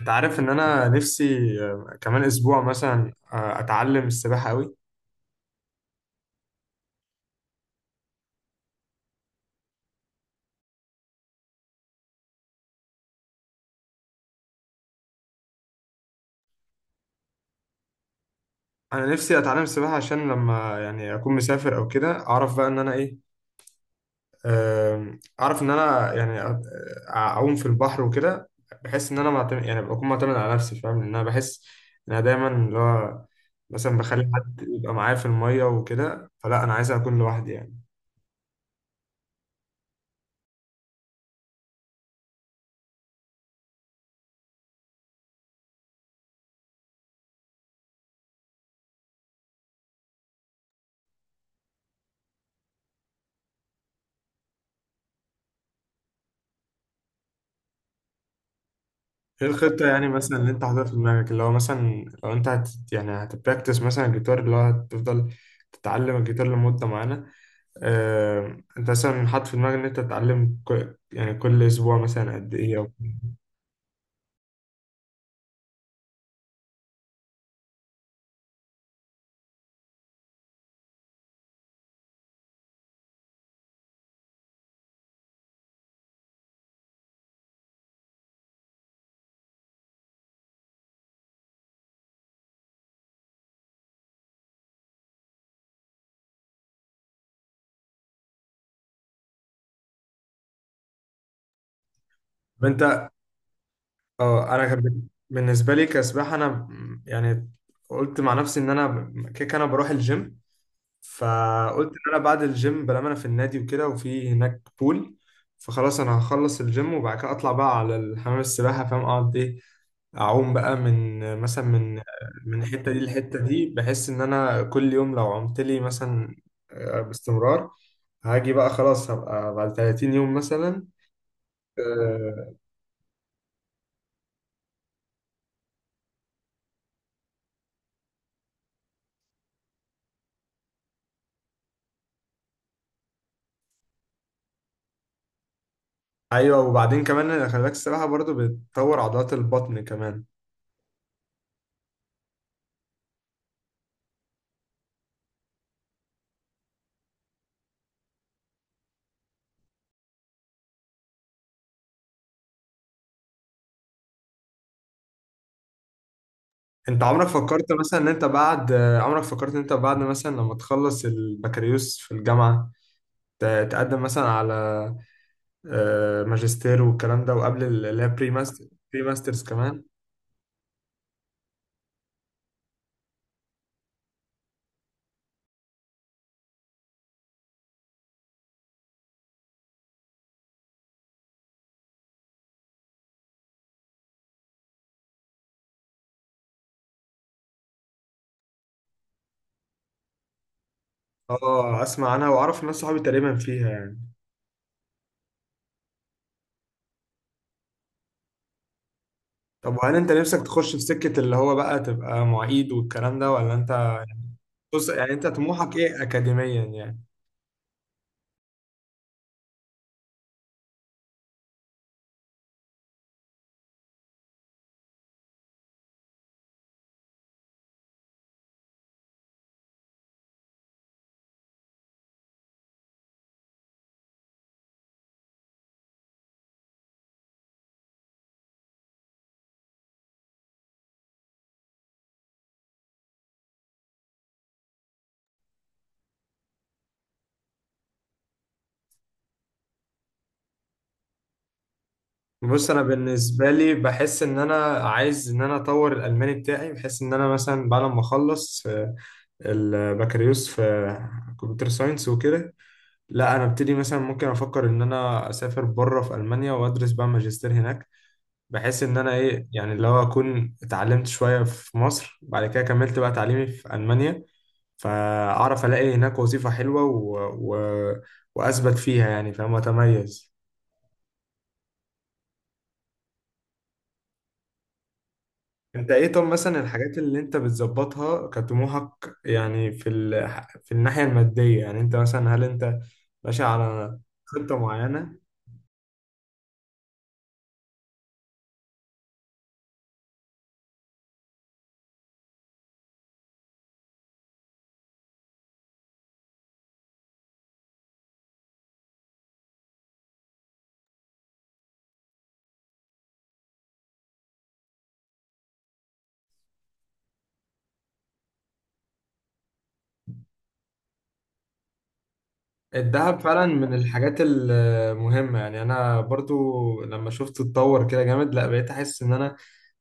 انت عارف ان انا نفسي. كمان اسبوع مثلا، اتعلم السباحه قوي. انا نفسي اتعلم السباحه عشان لما يعني اكون مسافر او كده اعرف بقى ان انا ايه. اعرف ان انا يعني اعوم في البحر وكده. بحس ان انا معتمد، يعني بكون معتمد على نفسي، فاهم، لان انا بحس ان انا دايما اللي هو مثلا بخلي حد يبقى معايا في الميه وكده، فلا انا عايز اكون لوحدي يعني. ايه الخطة يعني مثلا اللي انت حاططها في دماغك، اللي هو مثلا لو انت يعني هتبراكتس مثلا الجيتار، اللي هو هتفضل تتعلم الجيتار لمدة معينة؟ اه انت مثلا حاطط في دماغك ان انت تتعلم كل يعني كل اسبوع مثلا قد ايه؟ او طب انت، اه، انا كان بالنسبة لي كسباحة انا يعني قلت مع نفسي ان انا كيك انا بروح الجيم، فقلت ان انا بعد الجيم بلام انا في النادي وكده وفي هناك بول، فخلاص انا هخلص الجيم وبعد كده اطلع بقى على الحمام السباحة فاهم، اقعد ايه، اعوم بقى من مثلا من الحته دي للحته دي. بحس ان انا كل يوم لو عمت لي مثلا باستمرار، هاجي بقى خلاص، هبقى بعد 30 يوم مثلا. آه، ايوه، وبعدين كمان أنا خلي بالك السباحه برضو بتطور عضلات البطن كمان. انت عمرك فكرت مثلا ان انت بعد عمرك فكرت ان انت بعد مثلا لما تخلص البكالوريوس في الجامعه، ت- تقدم مثلا على ماجستير والكلام ده، وقبل اللي هي بري ماسترز كمان؟ اه، اسمع عنها واعرف ناس صحابي تقريبا فيها يعني. طب وهل انت نفسك تخش في سكة اللي هو بقى تبقى معيد والكلام ده، ولا انت؟ بص يعني انت طموحك ايه اكاديميا يعني؟ بص انا بالنسبة لي بحس ان انا عايز ان انا اطور الالماني بتاعي، بحس ان انا مثلا بعد ما اخلص البكالوريوس في كمبيوتر ساينس وكده، لا انا ابتدي مثلا، ممكن افكر ان انا اسافر بره في المانيا وادرس بقى ماجستير هناك، بحيث ان انا ايه يعني، اللي هو اكون اتعلمت شويه في مصر، بعد كده كملت بقى تعليمي في المانيا، فاعرف الاقي هناك وظيفه حلوه و... واثبت فيها يعني، فاهم، اتميز. انت ايه طب مثلا الحاجات اللي انت بتظبطها كطموحك يعني في في الناحيه الماديه يعني، انت مثلا هل انت ماشي على خطه معينه؟ الذهب فعلا من الحاجات المهمه يعني، انا برضو لما شفته اتطور كده جامد، لا بقيت احس ان انا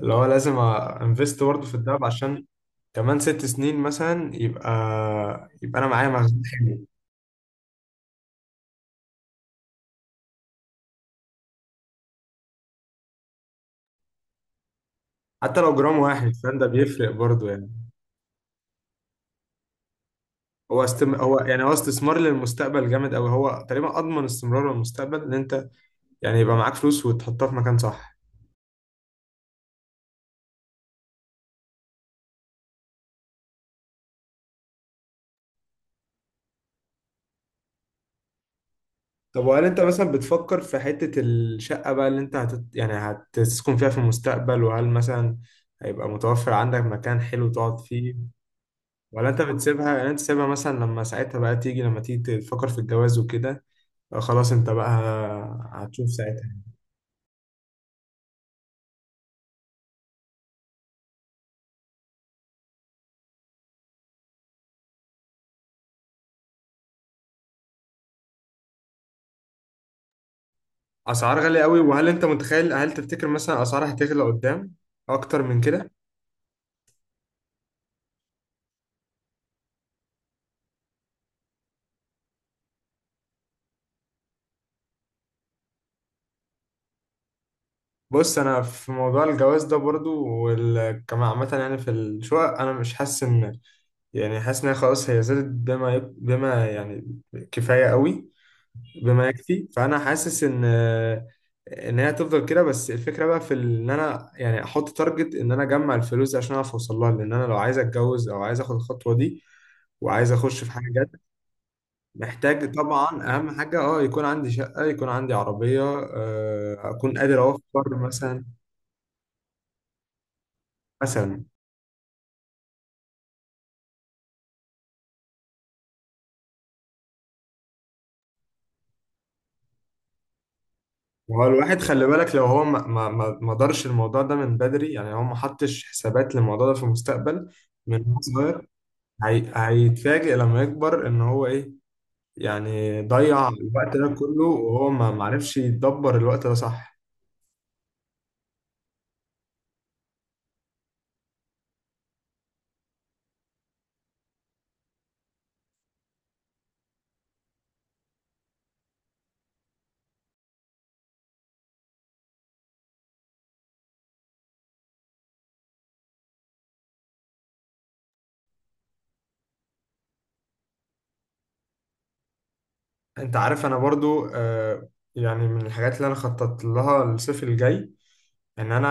اللي هو لازم انفست برضه في الدهب، عشان كمان ست سنين مثلا يبقى انا معايا مخزون حلو. حتى لو جرام واحد فاهم، ده بيفرق برضه يعني. هو يعني هو استثمار للمستقبل جامد قوي، هو تقريبا اضمن استمرار للمستقبل، ان انت يعني يبقى معاك فلوس وتحطها في مكان صح. طب وهل انت مثلا بتفكر في حتة الشقة بقى اللي انت يعني هتسكن فيها في المستقبل، وهل مثلا هيبقى متوفر عندك مكان حلو تقعد فيه؟ ولا انت بتسيبها يعني، انت سيبها مثلا لما ساعتها بقى تيجي، لما تيجي تفكر في الجواز وكده، خلاص انت بقى هتشوف ساعتها. اسعار غالية قوي. وهل انت متخيل، هل تفتكر مثلا اسعار هتغلى قدام اكتر من كده؟ بص انا في موضوع الجواز ده برضو، كمان عامة يعني في الشقق انا مش حاسس ان، يعني حاسس ان هي خلاص هي زادت بما بما يعني كفاية قوي، بما يكفي، فانا حاسس ان هي هتفضل كده. بس الفكره بقى في ان انا يعني احط تارجت ان انا اجمع الفلوس دي عشان اعرف اوصل لها، لان انا لو عايز اتجوز او عايز اخد الخطوه دي وعايز اخش في حاجه جد، محتاج طبعا، اهم حاجه، يكون عندي شقه، يكون عندي عربيه، اكون قادر اوفر مثلا، مثلا. هو الواحد خلي بالك لو هو ما دارش الموضوع ده من بدري، يعني هو ما حطش حسابات للموضوع ده في المستقبل من هو صغير، هيتفاجئ لما يكبر ان هو ايه، يعني ضيع الوقت ده كله وهو ما معرفش يدبر الوقت ده صح. انت عارف انا برضو يعني من الحاجات اللي انا خططت لها الصيف الجاي ان انا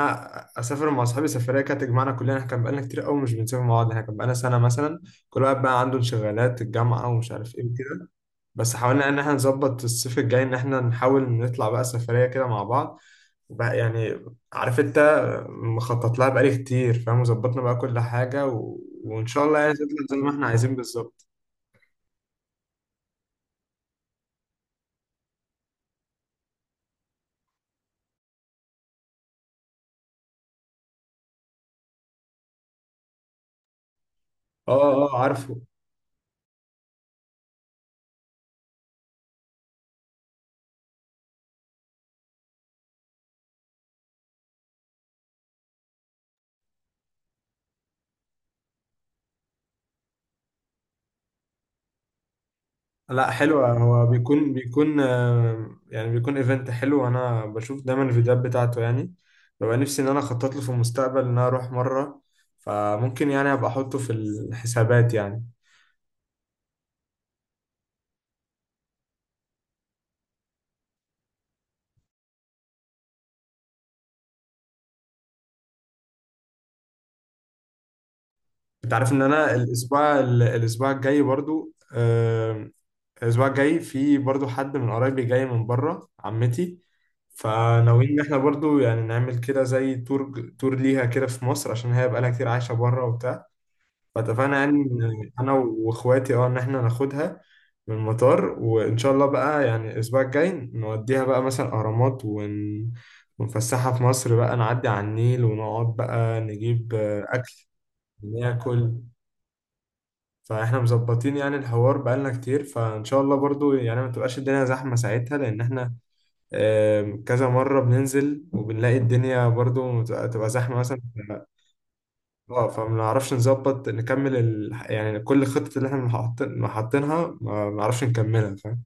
اسافر مع اصحابي سفريه كانت تجمعنا كلنا، احنا كان بقالنا كتير قوي مش بنسافر مع بعض، احنا كان بقالنا سنه مثلا، كل واحد بقى عنده انشغالات الجامعه ومش عارف ايه وكده. بس حاولنا ان احنا نظبط الصيف الجاي ان احنا نحاول نطلع بقى سفريه كده مع بعض، بقى يعني عارف انت، مخطط لها بقالي كتير فاهم، وظبطنا بقى كل حاجة وان شاء الله يعني تطلع زي ما احنا عايزين بالظبط. اه اه عارفه، لا حلوة، هو بيكون يعني بيكون ايفنت حلو، وانا بشوف دايما الفيديوهات بتاعته يعني. ببقى نفسي ان انا اخطط له في المستقبل ان انا اروح مرة، فممكن يعني ابقى احطه في الحسابات يعني. انت عارف ان انا الاسبوع الجاي في برضو حد من قرايبي جاي من بره، عمتي، فناويين ان احنا برضو يعني نعمل كده زي تور ليها كده في مصر، عشان هي بقالها كتير عايشه بره وبتاع. فاتفقنا يعني ان انا واخواتي، ان احنا ناخدها من المطار، وان شاء الله بقى يعني الاسبوع الجاي نوديها بقى مثلا اهرامات ونفسحها في مصر بقى، نعدي على النيل، ونقعد بقى نجيب اكل ناكل. فاحنا مظبطين يعني الحوار بقالنا كتير، فان شاء الله برضو يعني ما تبقاش الدنيا زحمه ساعتها، لان احنا كذا مره بننزل وبنلاقي الدنيا برضو تبقى زحمه مثلا. اه فما نعرفش نظبط نكمل يعني كل الخطط اللي احنا حاطينها، ما نعرفش نكملها فاهم.